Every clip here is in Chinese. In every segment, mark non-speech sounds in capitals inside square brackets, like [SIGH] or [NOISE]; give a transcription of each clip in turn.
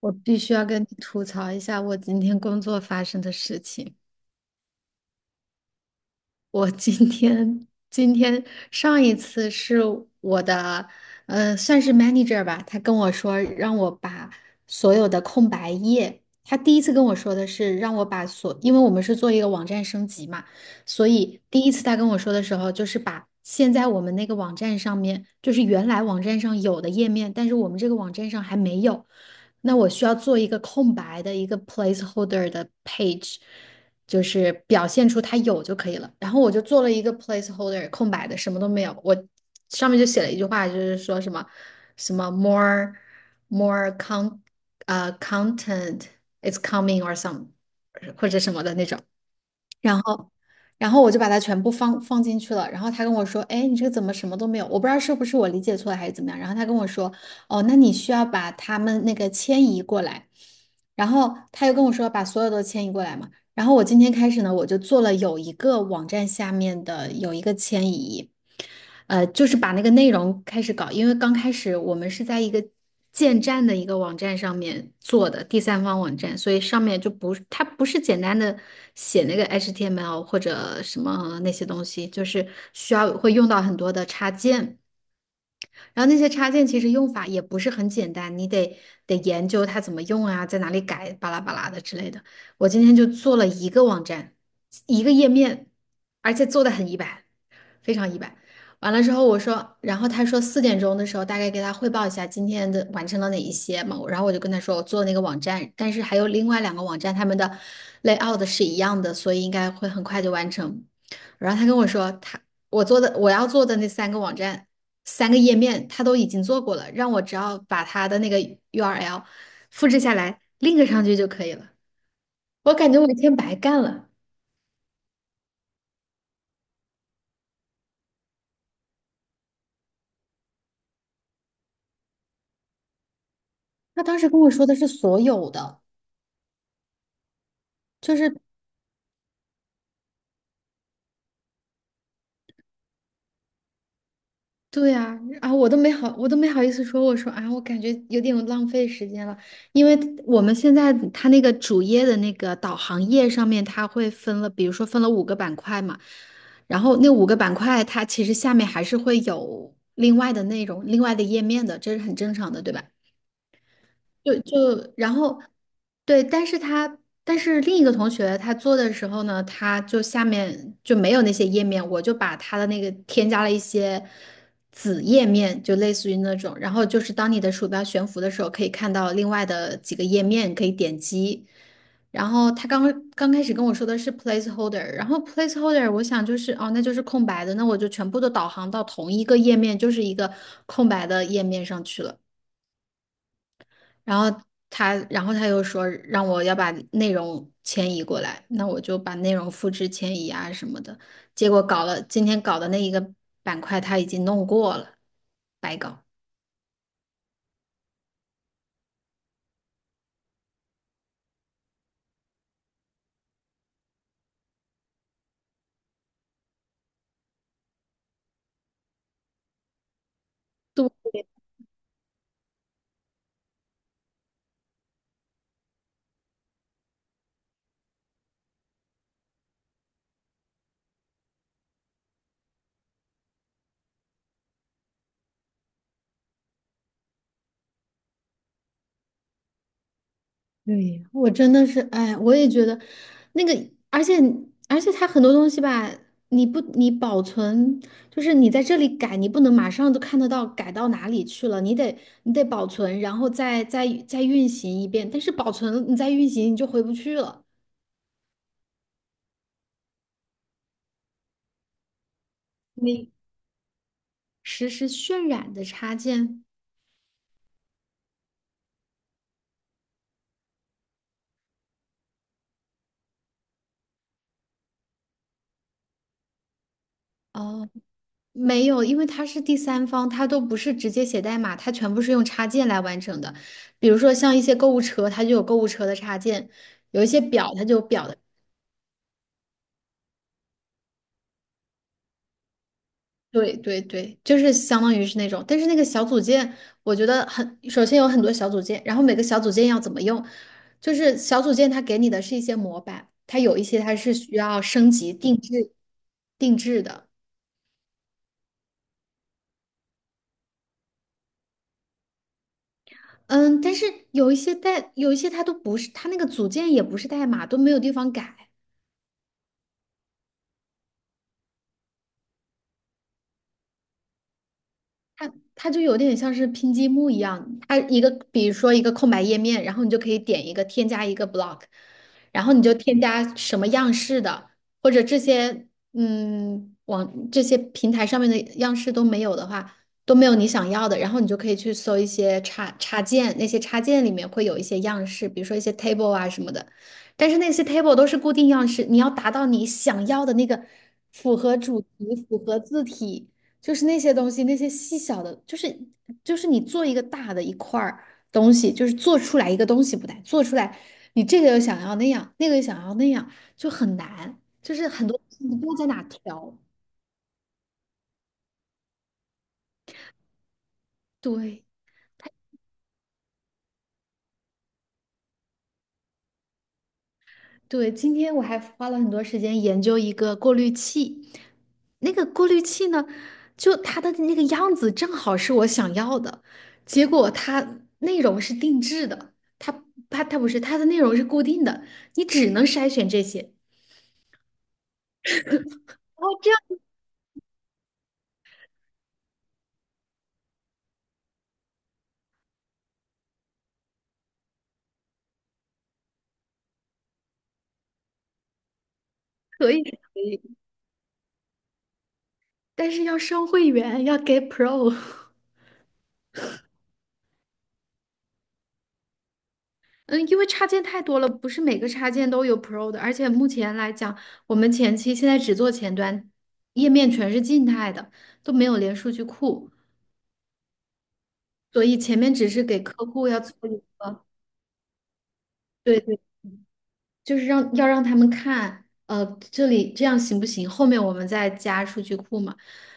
我必须要跟你吐槽一下我今天工作发生的事情。我今天上一次是我的，算是 manager 吧。他跟我说让我把所有的空白页，他第一次跟我说的是让我把所，因为我们是做一个网站升级嘛，所以第一次他跟我说的时候，就是把现在我们那个网站上面，就是原来网站上有的页面，但是我们这个网站上还没有，那我需要做一个空白的一个 placeholder 的 page。就是表现出它有就可以了。然后我就做了一个 placeholder 空白的，什么都没有。我上面就写了一句话，就是说什么什么 more more con content is coming or some 或者什么的那种。然后然后我就把它全部放进去了。然后他跟我说：“哎，你这个怎么什么都没有？”我不知道是不是我理解错了还是怎么样。然后他跟我说：“哦，那你需要把他们那个迁移过来。”然后他又跟我说：“把所有都迁移过来嘛。”然后我今天开始呢，我就做了有一个网站下面的有一个迁移，就是把那个内容开始搞。因为刚开始我们是在一个建站的一个网站上面做的第三方网站，所以上面就不它不是简单的写那个 HTML 或者什么那些东西，就是需要会用到很多的插件。然后那些插件其实用法也不是很简单，你得研究它怎么用啊，在哪里改，巴拉巴拉的之类的。我今天就做了一个网站，一个页面，而且做的很一般，非常一般。完了之后我说，然后他说4点钟的时候大概给他汇报一下今天的完成了哪一些嘛，然后我就跟他说我做了那个网站，但是还有另外两个网站他们的 layout 是一样的，所以应该会很快就完成。然后他跟我说他我做的我要做的那三个网站。三个页面他都已经做过了，让我只要把他的那个 URL 复制下来，link 上去就可以了。我感觉我一天白干了。他当时跟我说的是所有的，就是对呀。啊，我都没好意思说。我说啊，我感觉有点浪费时间了，因为我们现在它那个主页的那个导航页上面，它会分了，比如说分了五个板块嘛，然后那五个板块它其实下面还是会有另外的内容、另外的页面的，这是很正常的，对吧？就就然后，对。但是另一个同学他做的时候呢，他就下面就没有那些页面，我就把他的那个添加了一些子页面，就类似于那种。然后就是当你的鼠标悬浮的时候，可以看到另外的几个页面可以点击。然后他刚开始跟我说的是 placeholder。然后 placeholder 我想就是哦，那就是空白的，那我就全部都导航到同一个页面，就是一个空白的页面上去了。然后然后他又说让我要把内容迁移过来，那我就把内容复制迁移啊什么的。结果搞了，今天搞的那一个板块他已经弄过了，白搞。对，对，我真的是，哎，我也觉得那个。而且而且它很多东西吧，你不你保存，就是你在这里改，你不能马上都看得到改到哪里去了，你得保存，然后再运行一遍。但是保存了你再运行，你就回不去了。你实时渲染的插件？哦，没有，因为它是第三方，它都不是直接写代码，它全部是用插件来完成的。比如说像一些购物车，它就有购物车的插件；有一些表，它就有表的。对对对，就是相当于是那种。但是那个小组件，我觉得很，首先有很多小组件，然后每个小组件要怎么用，就是小组件它给你的是一些模板，它有一些它是需要升级定制的。嗯，但是有一些代，有一些它都不是，它那个组件也不是代码，都没有地方改。它就有点像是拼积木一样，它一个比如说一个空白页面，然后你就可以点一个添加一个 block，然后你就添加什么样式的，或者这些嗯网这些平台上面的样式都没有的话，都没有你想要的，然后你就可以去搜一些插件，那些插件里面会有一些样式，比如说一些 table 啊什么的，但是那些 table 都是固定样式，你要达到你想要的那个符合主题、符合字体。就是那些东西，那些细小的，就是你做一个大的一块儿东西，就是做出来一个东西不难，做出来你这个又想要那样，那个又想要那样，就很难，就是很多你不知道在哪调。对。对，今天我还花了很多时间研究一个过滤器。那个过滤器呢，就它的那个样子正好是我想要的，结果它内容是定制的，它它不是它的内容是固定的，你只能筛选这些。哦，这样可以可以，但是要升会员，要给 Pro。[LAUGHS] 嗯，因为插件太多了，不是每个插件都有 Pro 的。而且目前来讲，我们前期现在只做前端，页面全是静态的，都没有连数据库，所以前面只是给客户要做。对。对，就是让要让他们看，这里这样行不行？后面我们再加数据库嘛。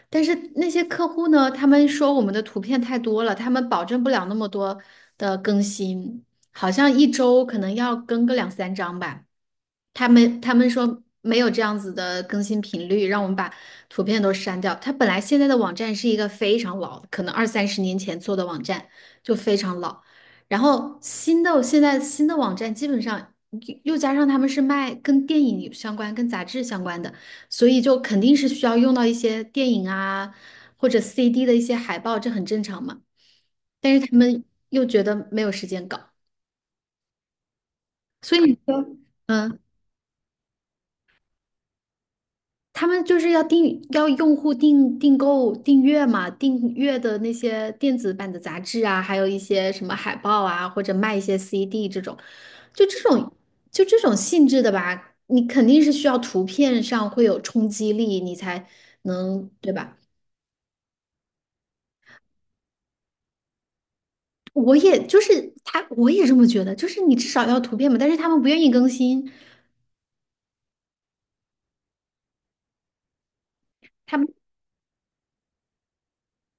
但是那些客户呢，他们说我们的图片太多了，他们保证不了那么多的更新，好像一周可能要更个两三张吧。他们说没有这样子的更新频率，让我们把图片都删掉。它本来现在的网站是一个非常老的可能二三十年前做的网站，就非常老。然后新的现在新的网站基本上又加上他们是卖跟电影有相关、跟杂志相关的，所以就肯定是需要用到一些电影啊或者 CD 的一些海报，这很正常嘛。但是他们又觉得没有时间搞，所以你说。嗯。他们就是要订要用户订订阅嘛，订阅的那些电子版的杂志啊，还有一些什么海报啊，或者卖一些 CD 这种，就这种就这种性质的吧。你肯定是需要图片上会有冲击力，你才能，对吧？我也就是他，我也这么觉得，就是你至少要图片嘛，但是他们不愿意更新。他们。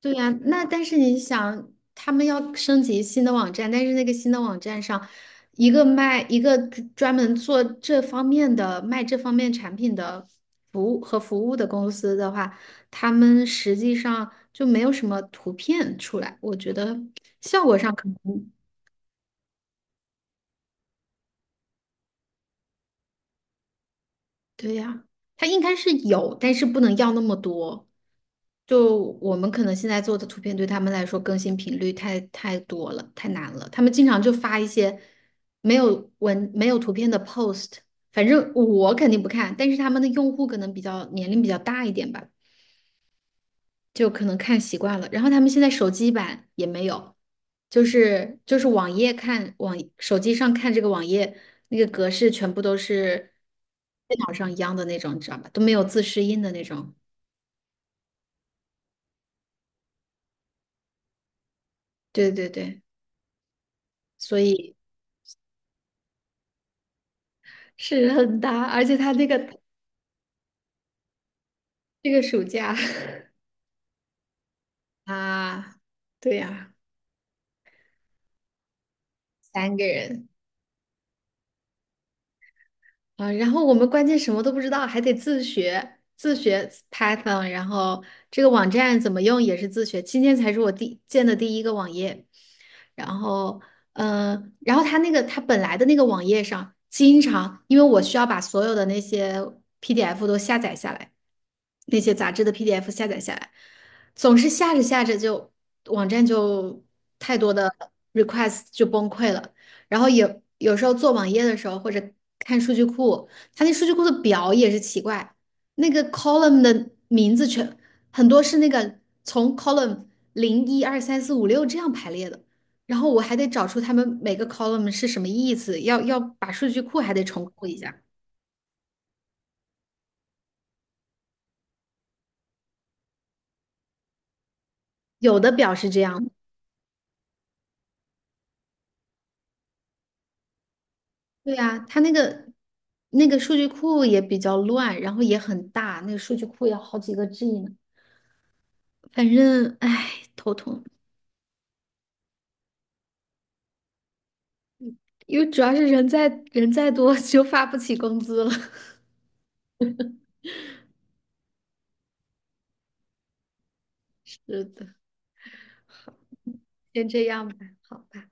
对呀，那但是你想，他们要升级新的网站，但是那个新的网站上，一个卖一个专门做这方面的卖这方面产品的服务和服务的公司的话，他们实际上就没有什么图片出来，我觉得效果上可能。对呀，它应该是有，但是不能要那么多。就我们可能现在做的图片，对他们来说更新频率太多了，太难了。他们经常就发一些没有文、没有图片的 post，反正我肯定不看，但是他们的用户可能比较年龄比较大一点吧。就可能看习惯了。然后他们现在手机版也没有，就是网页看网手机上看这个网页那个格式全部都是电脑上一样的那种，你知道吧？都没有自适应的那种。对对对，所以是很大。而且他那个。这个暑假 [LAUGHS] 啊。对呀、三个人。啊，然后我们关键什么都不知道，还得自学，自学 Python，然后这个网站怎么用也是自学。今天才是我第建的第一个网页。然后，嗯、然后他那个他本来的那个网页上，经常因为我需要把所有的那些 PDF 都下载下来，那些杂志的 PDF 下载下来，总是下着下着就网站就太多的 request 就崩溃了。然后有时候做网页的时候或者看数据库，它那数据库的表也是奇怪。那个 column 的名字全很多是那个从 column 0 1 2 3 4 5 6这样排列的，然后我还得找出他们每个 column 是什么意思，要把数据库还得重构一下。有的表是这样。对呀，它那个。那个数据库也比较乱，然后也很大，那个数据库要好几个 G 呢。反正，唉，头痛。因为主要是人再多 [LAUGHS] 就发不起工资了。[LAUGHS] 是的。先这样吧。好吧。